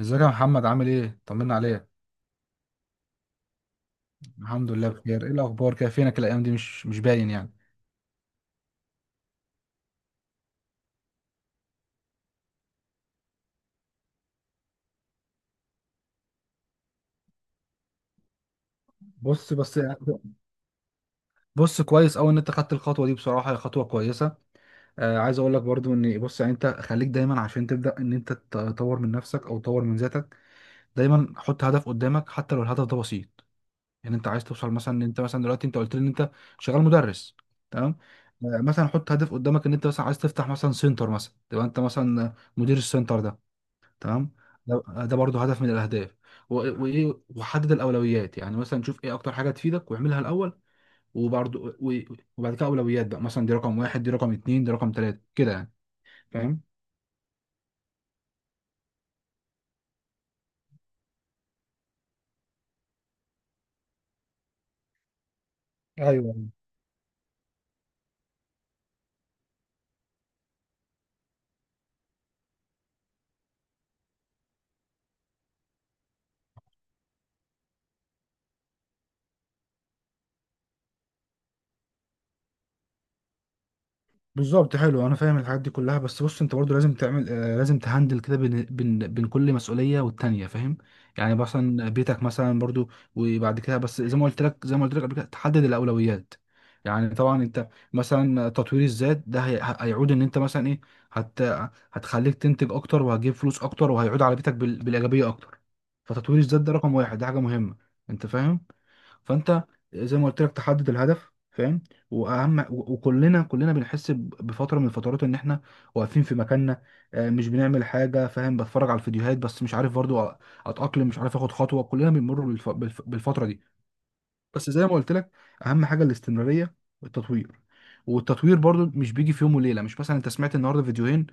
ازيك يا محمد، عامل ايه؟ طمنا عليك. الحمد لله، الحمد بخير. ايه الاخبار كده؟ فينك الايام دي، مش باين يعني. بص بس. بص، كويس قوي ان انت خدت الخطوه دي. بصراحه هي خطوه كويسه. عايز اقول لك برضو ان بص، يعني انت خليك دايما، عشان تبدا ان انت تطور من نفسك او تطور من ذاتك، دايما حط هدف قدامك حتى لو الهدف ده بسيط. يعني انت عايز توصل مثلا ان انت، مثلا دلوقتي انت قلت لي ان انت شغال مدرس. تمام. مثلا حط هدف قدامك ان انت مثلا عايز تفتح مثلا سنتر، مثلا تبقى انت مثلا مدير السنتر ده. تمام. ده برضه هدف من الاهداف. و- وايه، وحدد الاولويات. يعني مثلا شوف ايه اكتر حاجه تفيدك واعملها الاول. وبرضه وبعد كده اولويات بقى، مثلا دي رقم واحد، دي رقم اتنين، دي رقم تلاته كده يعني. فاهم؟ ايوه. بالظبط. حلو. انا فاهم الحاجات دي كلها، بس بص انت برضو لازم تعمل، لازم تهندل كده بين كل مسؤوليه والتانيه. فاهم؟ يعني مثلا بيتك مثلا برضو، وبعد كده بس زي ما قلت لك قبل كده تحدد الاولويات. يعني طبعا انت مثلا تطوير الذات ده هيعود ان انت مثلا ايه، هت هتخليك تنتج اكتر، وهتجيب فلوس اكتر، وهيعود على بيتك بالايجابيه اكتر. فتطوير الذات ده رقم واحد، ده حاجه مهمه. انت فاهم؟ فانت زي ما قلت لك تحدد الهدف. فاهم؟ واهم وكلنا بنحس بفتره من الفترات ان احنا واقفين في مكاننا. مش بنعمل حاجه. فاهم؟ بتفرج على الفيديوهات بس مش عارف برضو اتاقلم، مش عارف اخد خطوه. كلنا بنمر بالفتره دي. بس زي ما قلت لك اهم حاجه الاستمراريه والتطوير والتطوير برضو مش بيجي في يوم وليله. مش مثلا انت سمعت النهارده فيديوهين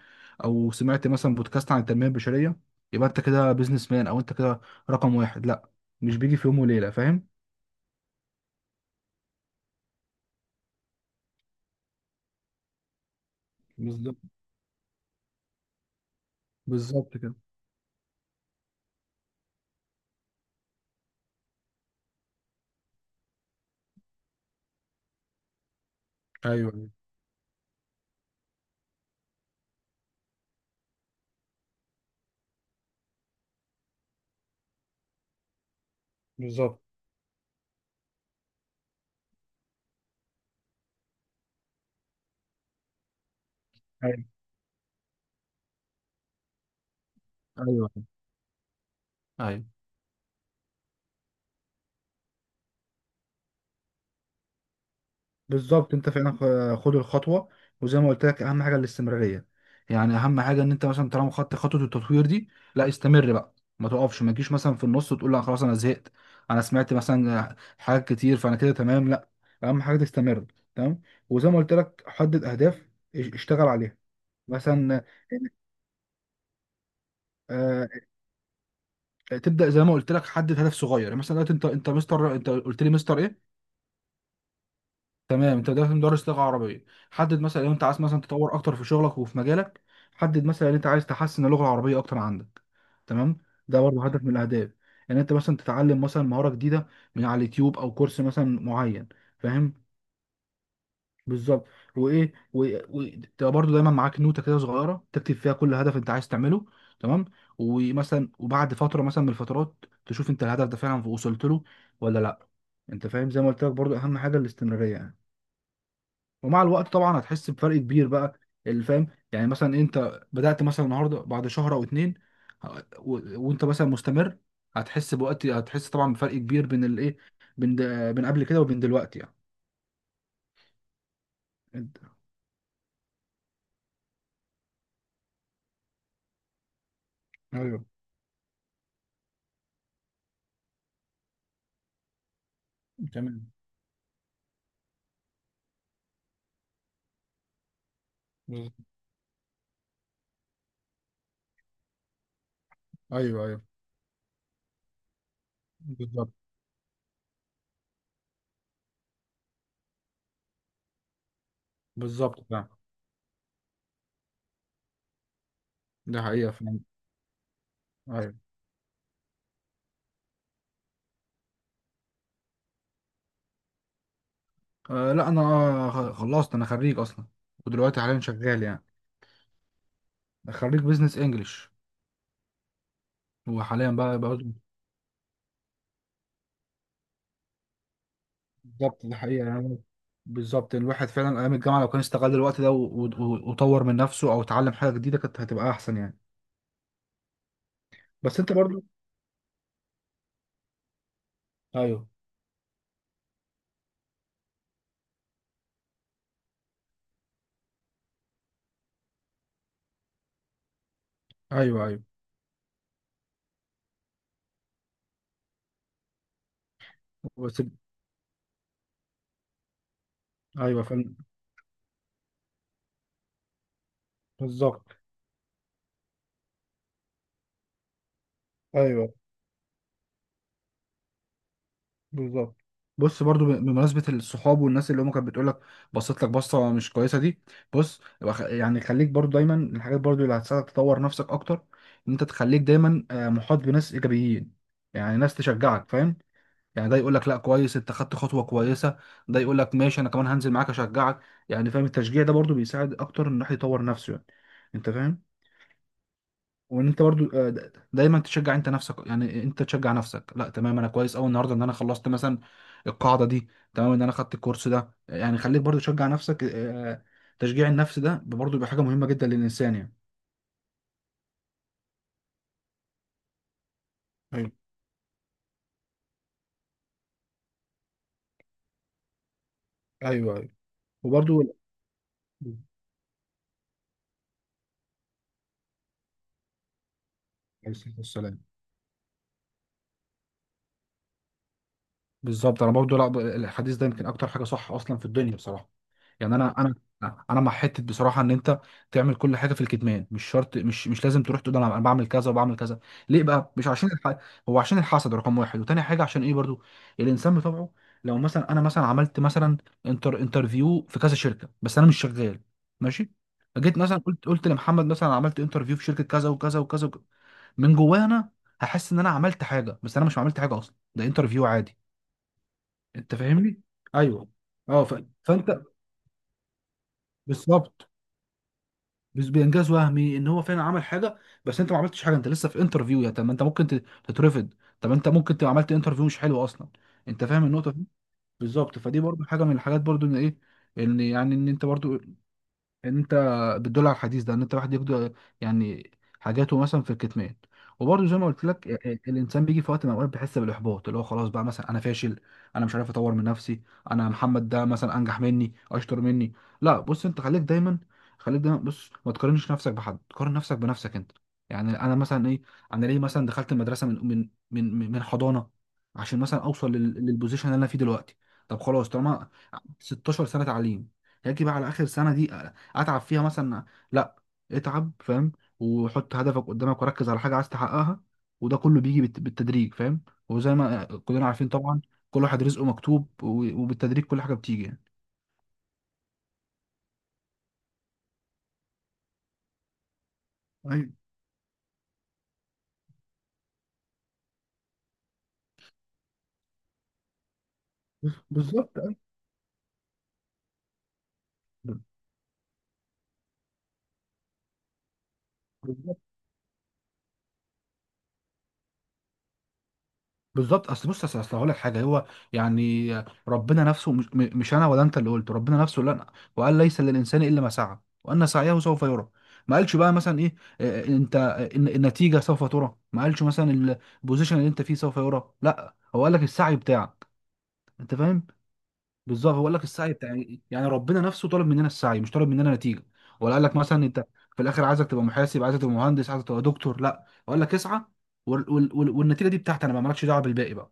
او سمعت مثلا بودكاست عن التنميه البشريه يبقى انت كده بيزنس مان، او انت كده رقم واحد. لا، مش بيجي في يوم وليله. فاهم؟ بالظبط كده. ايوه، ايوه، بالظبط. أيوة. ايوه، ايوه، بالظبط. انت فعلا خد الخطوه، وزي ما قلت لك اهم حاجه الاستمراريه يعني. اهم حاجه ان انت مثلا طالما خدت خطوه التطوير دي، لا استمر بقى. ما تقفش، ما تجيش مثلا في النص وتقول لا خلاص انا زهقت، انا سمعت مثلا حاجات كتير فانا كده تمام. لا، اهم حاجه تستمر. تمام. وزي ما قلت لك حدد اهداف، اشتغل عليها، مثلا. آه، تبدا زي ما قلت لك حدد هدف صغير، يعني مثلا دلوقتي انت مستر، انت قلت لي مستر ايه؟ تمام، انت دلوقتي مدرس لغه عربيه. حدد مثلا لو انت عايز مثلا تطور اكتر في شغلك وفي مجالك، حدد مثلا ان انت عايز تحسن اللغه العربيه اكتر عندك. تمام. ده برضه هدف من الاهداف. ان انت مثلا تتعلم مثلا مهاره جديده من على اليوتيوب او كورس مثلا معين. فاهم؟ بالظبط. وايه، تبقى برضه دايما معاك نوته كده صغيره تكتب فيها كل هدف انت عايز تعمله. تمام. ومثلا وبعد فتره مثلا من الفترات تشوف انت الهدف ده فعلا وصلت له ولا لا. انت فاهم؟ زي ما قلت لك برضه اهم حاجه الاستمراريه يعني. ومع الوقت طبعا هتحس بفرق كبير بقى. اللي فاهم. يعني مثلا انت بدأت مثلا النهارده، بعد شهر او اتنين ه- و... وانت مثلا مستمر، هتحس طبعا بفرق كبير بين الايه، بين د... بين قبل كده وبين دلوقتي يعني. انت... ايوه. تمام. بز- ايوه، ايوه، بالظبط. بالظبط فعلا. ده حقيقة فعلا. ايوه. آه لا، انا خلصت. انا خريج اصلا، ودلوقتي حاليا شغال يعني. خريج بزنس انجلش. وحاليا بقى. بالظبط، دي حقيقة يعني. بالظبط. الواحد فعلا أيام الجامعة لو كان استغل الوقت ده وطور من نفسه أو اتعلم حاجة جديدة كانت هتبقى أحسن يعني. بس أنت برضو. أيوه. أيوه، أيوه. بس. أيوه فعلا. بالظبط. أيوه. بالظبط. بص برضو بمناسبة الصحاب والناس اللي هم كانت بتقول لك، بصيت لك بصة مش كويسة دي. بص، يبقى يعني خليك برضو دايما الحاجات برضو اللي هتساعدك تطور نفسك أكتر، إن أنت تخليك دايما محاط بناس إيجابيين، يعني ناس تشجعك. فاهم؟ يعني ده يقول لك لا، كويس، انت خدت خطوه كويسه. ده يقول لك ماشي، انا كمان هنزل معاك اشجعك. يعني فاهم؟ التشجيع ده برضو بيساعد اكتر ان الواحد يطور نفسه يعني. انت فاهم؟ وان انت برضو دايما تشجع انت نفسك. يعني انت تشجع نفسك، لا تمام، انا كويس قوي النهارده ان انا خلصت مثلا القاعده دي. تمام، ان انا خدت الكورس ده. يعني خليك برضو تشجع نفسك. تشجيع النفس ده برضو بيبقى حاجه مهمه جدا للانسان يعني. ايوه، ايوه، ايوه. وبرضو عليه الصلاة والسلام. بالظبط، انا برضو، لا الحديث ده يمكن اكتر حاجه صح اصلا في الدنيا بصراحه. يعني انا مع حته بصراحه ان انت تعمل كل حاجه في الكتمان. مش شرط، مش لازم تروح تقول أنا بعمل كذا وبعمل كذا. ليه بقى؟ مش عشان هو عشان الحسد رقم واحد، وتاني حاجه عشان ايه برضو الانسان بطبعه. لو مثلا انا مثلا عملت مثلا انترفيو في كذا شركه، بس انا مش شغال، ماشي، جيت مثلا قلت لمحمد مثلا أنا عملت انترفيو في شركه كذا وكذا وكذا وكذا، من جوايا انا هحس ان انا عملت حاجه، بس انا مش عملت حاجه اصلا، ده انترفيو عادي. انت فاهمني؟ ايوه. فانت بالظبط. بس بانجاز وهمي ان هو فعلا عمل حاجه، بس انت ما عملتش حاجه، انت لسه في انترفيو. يا طب ما انت ممكن تترفض، طب انت ممكن تبقى عملت انترفيو مش حلو اصلا. انت فاهم النقطه دي؟ بالظبط. فدي برضو حاجه من الحاجات برضو ان ايه، ان يعني ان انت برضو انت بتدل على الحديث ده ان انت واحد يقدر يعني حاجاته مثلا في الكتمان. وبرضه زي ما قلت لك الانسان بيجي في وقت من الاوقات بيحس بالاحباط اللي هو خلاص بقى مثلا انا فاشل، انا مش عارف اطور من نفسي، انا محمد ده مثلا انجح مني، اشطر مني. لا، بص انت خليك دايما بص، ما تقارنش نفسك بحد، قارن نفسك بنفسك انت. يعني انا مثلا ايه، انا ليه مثلا دخلت المدرسه من حضانه عشان مثلا اوصل للبوزيشن اللي انا فيه دلوقتي؟ طب خلاص، طالما 16 سنه تعليم، هاجي بقى على اخر سنه دي اتعب فيها مثلا؟ لا، اتعب. فاهم؟ وحط هدفك قدامك وركز على حاجه عايز تحققها. وده كله بيجي بالتدريج. فاهم؟ وزي ما كلنا عارفين طبعا، كل واحد رزقه مكتوب، وبالتدريج كل حاجه بتيجي يعني. أيوة، بالظبط. أيوة. بالظبط. اصل بص، اصل هقول لك حاجه. هو يعني ربنا نفسه، مش انا ولا انت اللي قلت، ربنا نفسه لا وقال ليس للانسان الا ما سعى، وان سعيه سوف يرى. ما قالش بقى مثلا ايه، انت، النتيجه سوف ترى. ما قالش مثلا البوزيشن اللي انت فيه سوف يرى، لا هو قال لك السعي بتاعك. انت فاهم؟ بالظبط. هو قال لك السعي بتاعي، يعني ربنا نفسه طلب مننا السعي مش طلب مننا نتيجه. ولا قال لك مثلا انت في الاخر عايزك تبقى محاسب، عايزك تبقى مهندس، عايزك تبقى دكتور. لا، هو قال لك اسعى، والنتيجه دي بتاعتي انا، ما مالكش دعوه بالباقي بقى.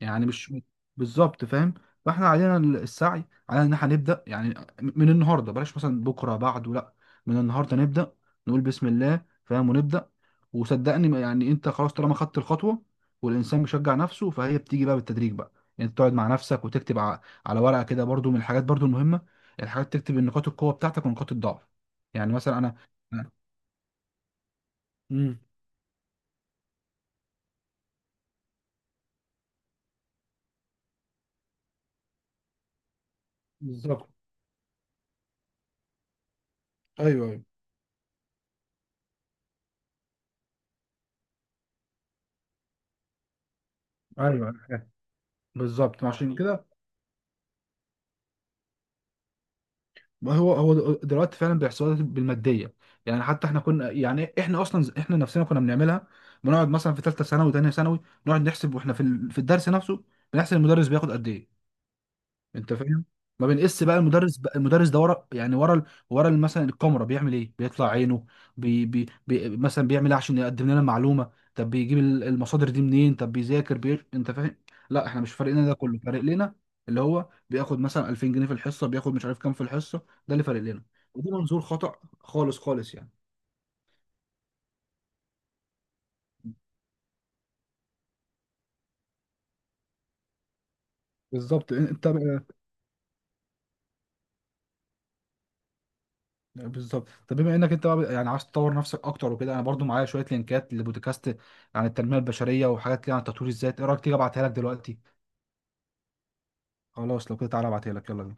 يعني مش بالظبط. فاهم؟ فاحنا علينا السعي، علينا ان احنا نبدا يعني من النهارده، بلاش مثلا بكره بعده. لا، من النهارده نبدا، نقول بسم الله. فاهم؟ ونبدا. وصدقني يعني انت خلاص طالما خدت الخطوه والانسان بيشجع نفسه، فهي بتيجي بقى بالتدريج بقى. يعني انت تقعد مع نفسك وتكتب على ورقه كده. برضو من الحاجات برضو المهمه الحاجات، تكتب النقاط القوه بتاعتك ونقاط الضعف. يعني مثلا انا امم بالظبط. ايوه، ايوه، ايوه. بالظبط. عشان كده، ما هو دلوقتي فعلا بيحصلوا بالماديه. يعني حتى احنا كنا، يعني احنا اصلا احنا نفسنا كنا بنعملها. بنقعد مثلا في ثالثه ثانوي وثانيه ثانوي نقعد نحسب واحنا في في الدرس نفسه بنحسب المدرس بياخد قد ايه. انت فاهم؟ ما بنقيس بقى المدرس، بقى المدرس ده ورا، يعني مثلا الكاميرا بيعمل ايه، بيطلع عينه، بي بي بي مثلا بيعمل ايه عشان يقدم لنا المعلومه، طب بيجيب المصادر دي منين، طب بيذاكر انت فاهم؟ لا، احنا مش فارق لنا ده كله، فارق لنا اللي هو بياخد مثلا 2000 جنيه في الحصه، بياخد مش عارف كام في الحصه. ده اللي فارق لنا. وده منظور خطأ خالص خالص يعني. بالظبط. انت بالظبط. طب بما انك انت بقى يعني عايز تطور نفسك اكتر وكده، انا برضو معايا شويه لينكات لبودكاست عن التنميه البشريه وحاجات كده عن تطوير الذات. ايه رايك تيجي ابعتها لك دلوقتي؟ خلاص لو كده تعالى ابعتها لك. يلا بينا.